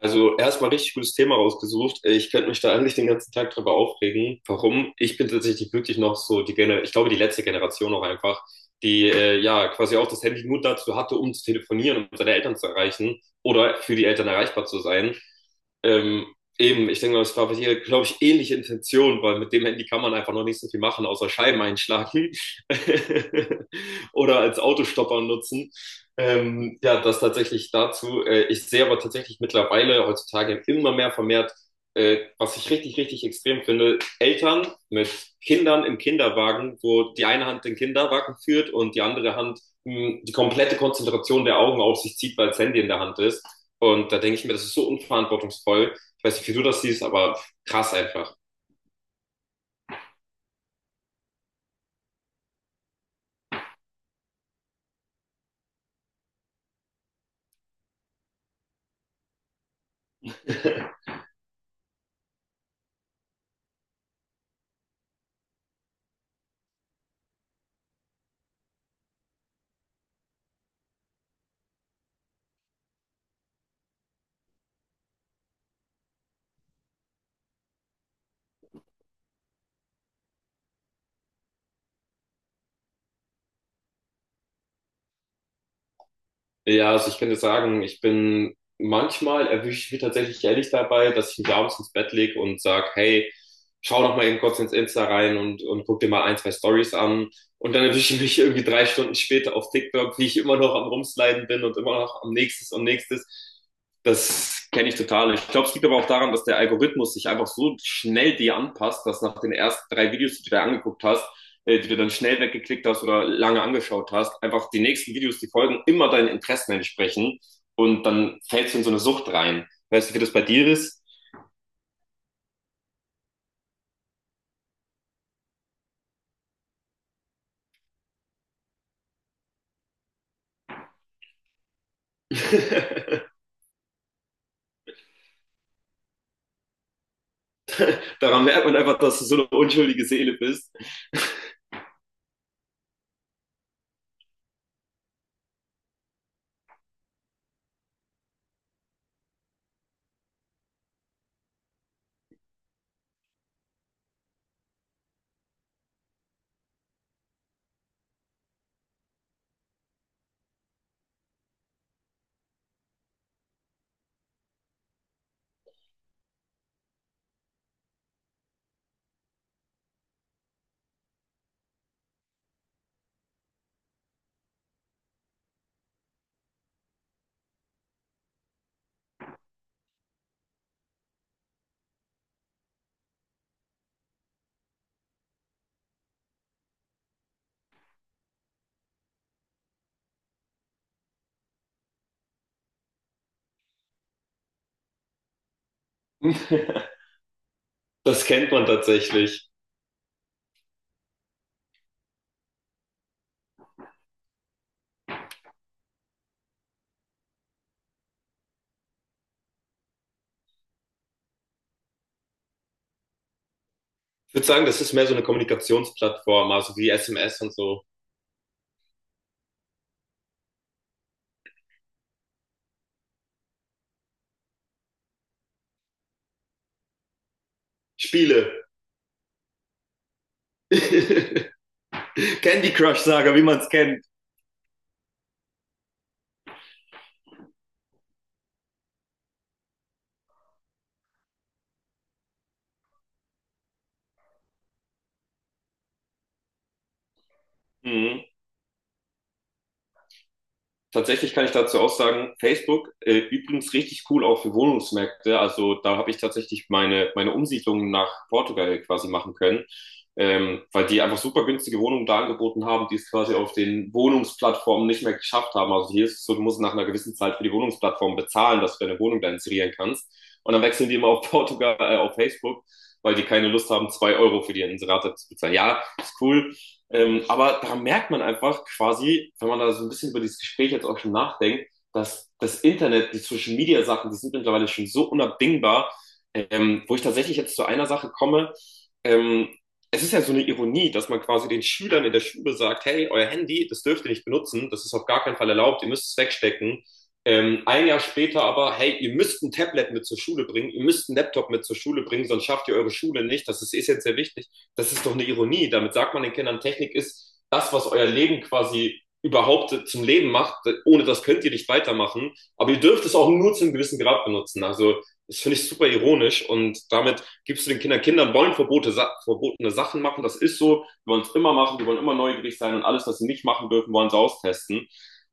Also erstmal richtig gutes Thema rausgesucht. Ich könnte mich da eigentlich den ganzen Tag drüber aufregen. Warum? Ich bin tatsächlich wirklich noch so die Gener ich glaube die letzte Generation auch einfach, die ja quasi auch das Handy nur dazu hatte, um zu telefonieren, um seine Eltern zu erreichen oder für die Eltern erreichbar zu sein. Ähm, eben, ich denke mal, das war bei dir, glaube ich, ähnliche Intention, weil mit dem Handy kann man einfach noch nicht so viel machen, außer Scheiben einschlagen oder als Autostopper nutzen. Ja, das tatsächlich dazu. Ich sehe aber tatsächlich mittlerweile heutzutage immer mehr vermehrt, was ich richtig, richtig extrem finde, Eltern mit Kindern im Kinderwagen, wo die eine Hand den Kinderwagen führt und die andere Hand die komplette Konzentration der Augen auf sich zieht, weil das Handy in der Hand ist. Und da denke ich mir, das ist so unverantwortungsvoll. Ich weiß nicht, wie du das siehst, aber krass einfach. Ja, also ich kann dir sagen, ich bin manchmal erwische ich mich tatsächlich ehrlich dabei, dass ich mich abends ins Bett leg und sag, hey, schau noch mal eben kurz ins Insta rein und guck dir mal ein, zwei Stories an. Und dann erwische ich mich irgendwie drei Stunden später auf TikTok, wie ich immer noch am Rumsliden bin und immer noch am nächstes und nächstes. Das kenne ich total. Ich glaube, es liegt aber auch daran, dass der Algorithmus sich einfach so schnell dir anpasst, dass nach den ersten drei Videos, die du dir angeguckt hast, die du dann schnell weggeklickt hast oder lange angeschaut hast, einfach die nächsten Videos, die folgen, immer deinen Interessen entsprechen und dann fällst du in so eine Sucht rein. Weißt du, wie das bei dir ist? Daran merkt man einfach, dass du so eine unschuldige Seele bist. das kennt man tatsächlich. Ich würde sagen, das ist mehr so eine Kommunikationsplattform, also wie SMS und so. Spiele. Candy Crush Saga, wie man es kennt. Mhm. Tatsächlich kann ich dazu auch sagen, Facebook, übrigens richtig cool auch für Wohnungsmärkte. Also da habe ich tatsächlich meine Umsiedlung nach Portugal quasi machen können, weil die einfach super günstige Wohnungen da angeboten haben, die es quasi auf den Wohnungsplattformen nicht mehr geschafft haben. Also hier ist es so, du musst nach einer gewissen Zeit für die Wohnungsplattform bezahlen, dass du deine Wohnung da inserieren kannst. Und dann wechseln die immer auf Portugal, auf Facebook, weil die keine Lust haben, zwei Euro für die Inserate zu bezahlen. Ja, ist cool. Aber da merkt man einfach quasi, wenn man da so ein bisschen über dieses Gespräch jetzt auch schon nachdenkt, dass das Internet, die Social Media Sachen, die sind mittlerweile schon so unabdingbar, wo ich tatsächlich jetzt zu einer Sache komme. Ähm, es ist ja so eine Ironie, dass man quasi den Schülern in der Schule sagt, hey, euer Handy, das dürft ihr nicht benutzen, das ist auf gar keinen Fall erlaubt, ihr müsst es wegstecken. Ein Jahr später aber, hey, ihr müsst ein Tablet mit zur Schule bringen, ihr müsst einen Laptop mit zur Schule bringen, sonst schafft ihr eure Schule nicht, das ist essentiell wichtig. Das ist doch eine Ironie. Damit sagt man den Kindern, Technik ist das, was euer Leben quasi überhaupt zum Leben macht. Ohne das könnt ihr nicht weitermachen. Aber ihr dürft es auch nur zu einem gewissen Grad benutzen. Also das finde ich super ironisch und damit gibst du den Kindern, Kindern wollen Verbote, verbotene Sachen machen, das ist so, die wollen es immer machen, die wollen immer neugierig sein und alles, was sie nicht machen dürfen, wollen sie austesten.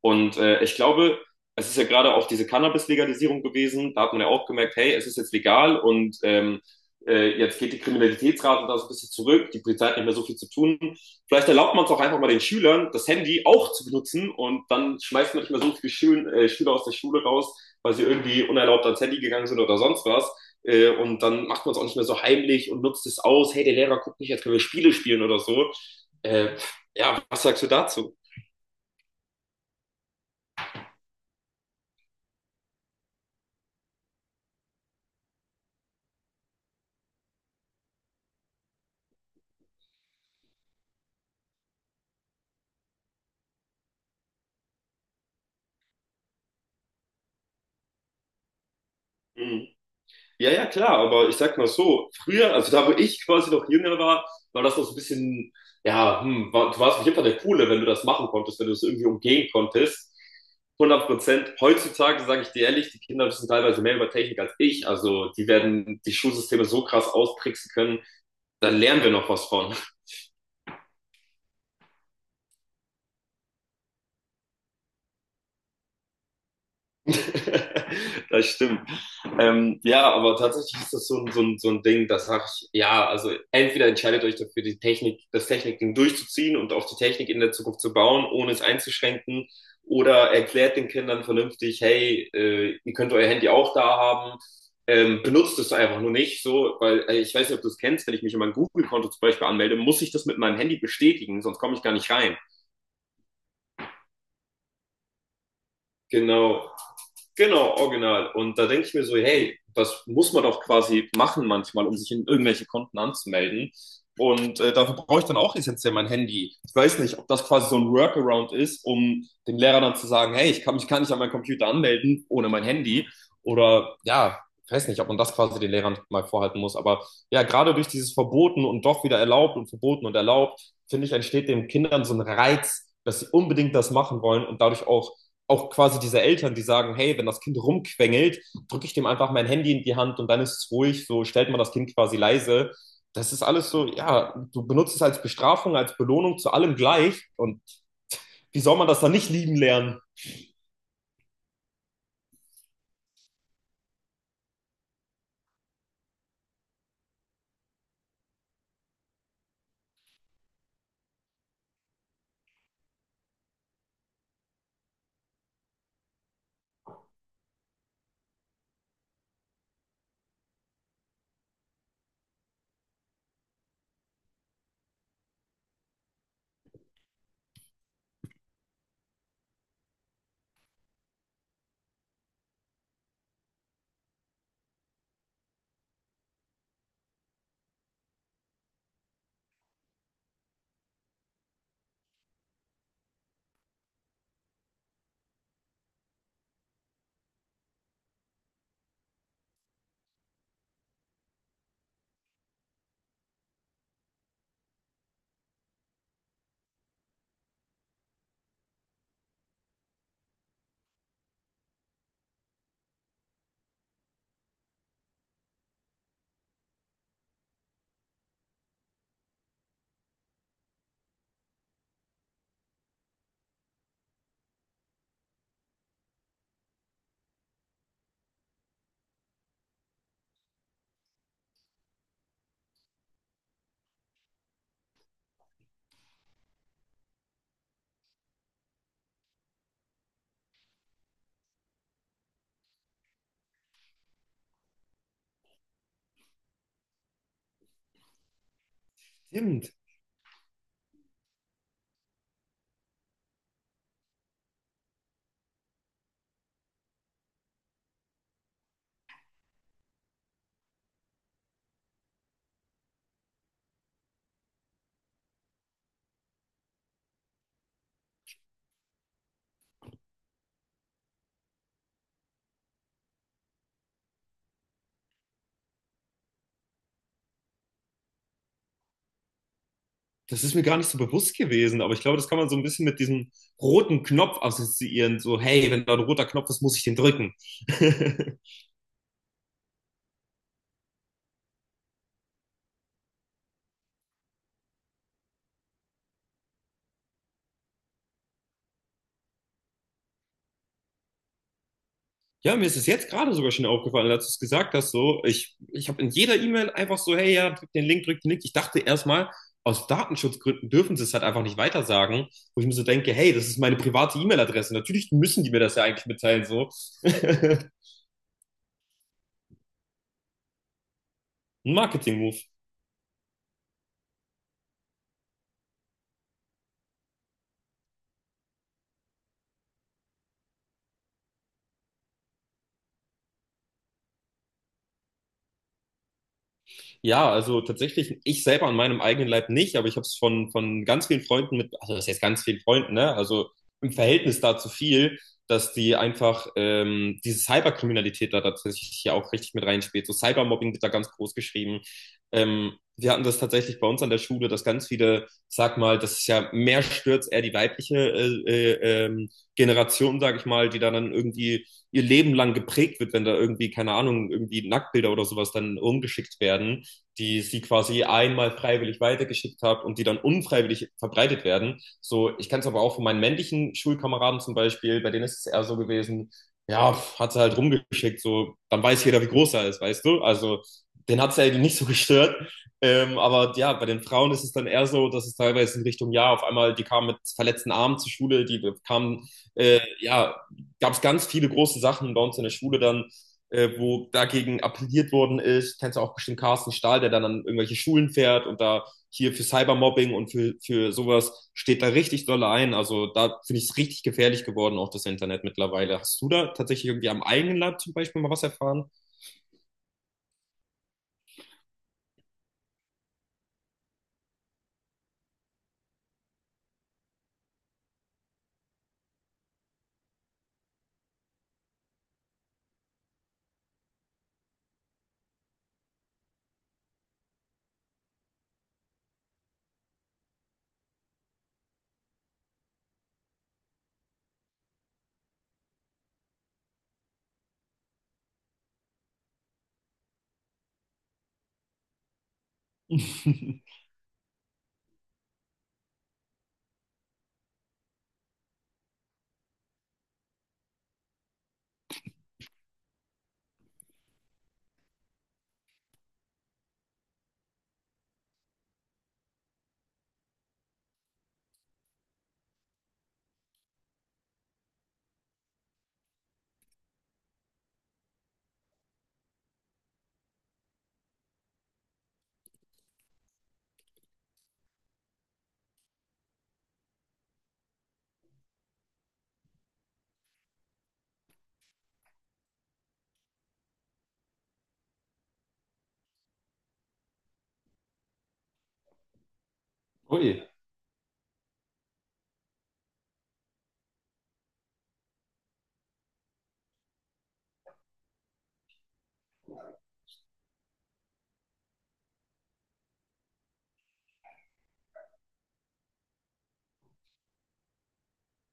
Und ich glaube, es ist ja gerade auch diese Cannabis-Legalisierung gewesen, da hat man ja auch gemerkt, hey, es ist jetzt legal und jetzt geht die Kriminalitätsrate da so ein bisschen zurück, die Polizei hat nicht mehr so viel zu tun. Vielleicht erlaubt man es auch einfach mal den Schülern, das Handy auch zu benutzen und dann schmeißt man nicht mehr so viele Schüler aus der Schule raus, weil sie irgendwie unerlaubt ans Handy gegangen sind oder sonst was. Und dann macht man es auch nicht mehr so heimlich und nutzt es aus. Hey, der Lehrer guckt nicht, jetzt können wir Spiele spielen oder so. Äh, ja, was sagst du dazu? Mhm. Ja, ja, klar, aber ich sag mal so, früher, also da wo ich quasi noch jünger war, war das noch so ein bisschen, ja, du warst auf jeden Fall der Coole, wenn du das machen konntest, wenn du es irgendwie umgehen konntest. 100%. Heutzutage sage ich dir ehrlich, die Kinder wissen teilweise mehr über Technik als ich. Also die werden die Schulsysteme so krass austricksen können, da lernen wir noch was von. Das stimmt. Ja, aber tatsächlich ist das so so ein Ding, das sag ich, ja, also entweder entscheidet euch dafür, die Technik, das Technikding durchzuziehen und auf die Technik in der Zukunft zu bauen, ohne es einzuschränken, oder erklärt den Kindern vernünftig, hey, ihr könnt euer Handy auch da haben, benutzt es einfach nur nicht so, weil ich weiß nicht, ob du es kennst, wenn ich mich in mein Google-Konto zum Beispiel anmelde, muss ich das mit meinem Handy bestätigen, sonst komme ich gar nicht rein. Genau, Genau, original. Und da denke ich mir so, hey, das muss man doch quasi machen manchmal, um sich in irgendwelche Konten anzumelden. Und dafür brauche ich dann auch essentiell mein Handy. Ich weiß nicht, ob das quasi so ein Workaround ist, um dem Lehrer dann zu sagen, hey, ich kann mich gar nicht an meinen Computer anmelden ohne mein Handy. Oder ja, ich weiß nicht, ob man das quasi den Lehrern mal vorhalten muss. Aber ja, gerade durch dieses Verboten und doch wieder erlaubt und verboten und erlaubt, finde ich, entsteht den Kindern so ein Reiz, dass sie unbedingt das machen wollen und dadurch auch quasi diese Eltern, die sagen, hey, wenn das Kind rumquengelt, drücke ich dem einfach mein Handy in die Hand und dann ist es ruhig, so stellt man das Kind quasi leise. Das ist alles so, ja, du benutzt es als Bestrafung, als Belohnung zu allem gleich. Und wie soll man das dann nicht lieben lernen? Stimmt. Das ist mir gar nicht so bewusst gewesen, aber ich glaube, das kann man so ein bisschen mit diesem roten Knopf assoziieren. So, hey, wenn da ein roter Knopf ist, muss ich den drücken. Ja, mir ist es jetzt gerade sogar schon aufgefallen, als du es gesagt hast, so, ich habe in jeder E-Mail einfach so, hey, ja, drück den Link, drück den Link. Ich dachte erstmal, aus Datenschutzgründen dürfen sie es halt einfach nicht weitersagen, wo ich mir so denke, hey, das ist meine private E-Mail-Adresse. Natürlich müssen die mir das ja eigentlich mitteilen, so. Ein Marketing-Move. Ja, also tatsächlich, ich selber an meinem eigenen Leib nicht, aber ich habe es von ganz vielen Freunden mit, also das heißt ganz vielen Freunden, ne? Also im Verhältnis dazu viel, dass die einfach diese Cyberkriminalität da tatsächlich ja auch richtig mit reinspielt. So Cybermobbing wird da ganz groß geschrieben. Wir hatten das tatsächlich bei uns an der Schule, dass ganz viele, sag mal, das ist ja mehr stürzt eher die weibliche Generation, sag ich mal, die da dann irgendwie ihr Leben lang geprägt wird, wenn da irgendwie, keine Ahnung, irgendwie Nacktbilder oder sowas dann rumgeschickt werden die sie quasi einmal freiwillig weitergeschickt habe und die dann unfreiwillig verbreitet werden. So, ich kenne es aber auch von meinen männlichen Schulkameraden zum Beispiel, bei denen ist es eher so gewesen, ja, pf, hat sie halt rumgeschickt, so, dann weiß jeder, wie groß er ist, weißt du? Also, den hat es ja nicht so gestört. Aber ja, bei den Frauen ist es dann eher so, dass es teilweise in Richtung, ja, auf einmal, die kamen mit verletzten Armen zur Schule, die kamen, ja, gab es ganz viele große Sachen bei uns in der Schule dann, wo dagegen appelliert worden ist. Kennst du auch bestimmt Carsten Stahl, der dann an irgendwelche Schulen fährt und da hier für Cybermobbing und für sowas steht da richtig doll ein. Also da finde ich es richtig gefährlich geworden, auch das Internet mittlerweile. Hast du da tatsächlich irgendwie am eigenen Land zum Beispiel mal was erfahren? Ui.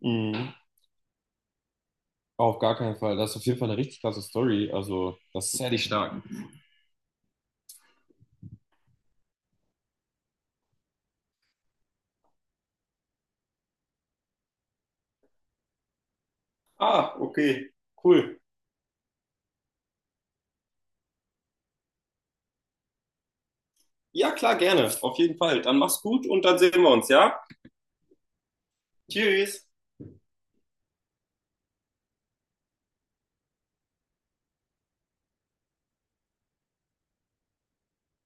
Mhm. Auf gar keinen Fall. Das ist auf jeden Fall eine richtig klasse Story. Also, das ist Sehr dich stark. Ah, okay, cool. Ja, klar, gerne. Auf jeden Fall. Dann mach's gut und dann sehen wir uns, ja? Tschüss.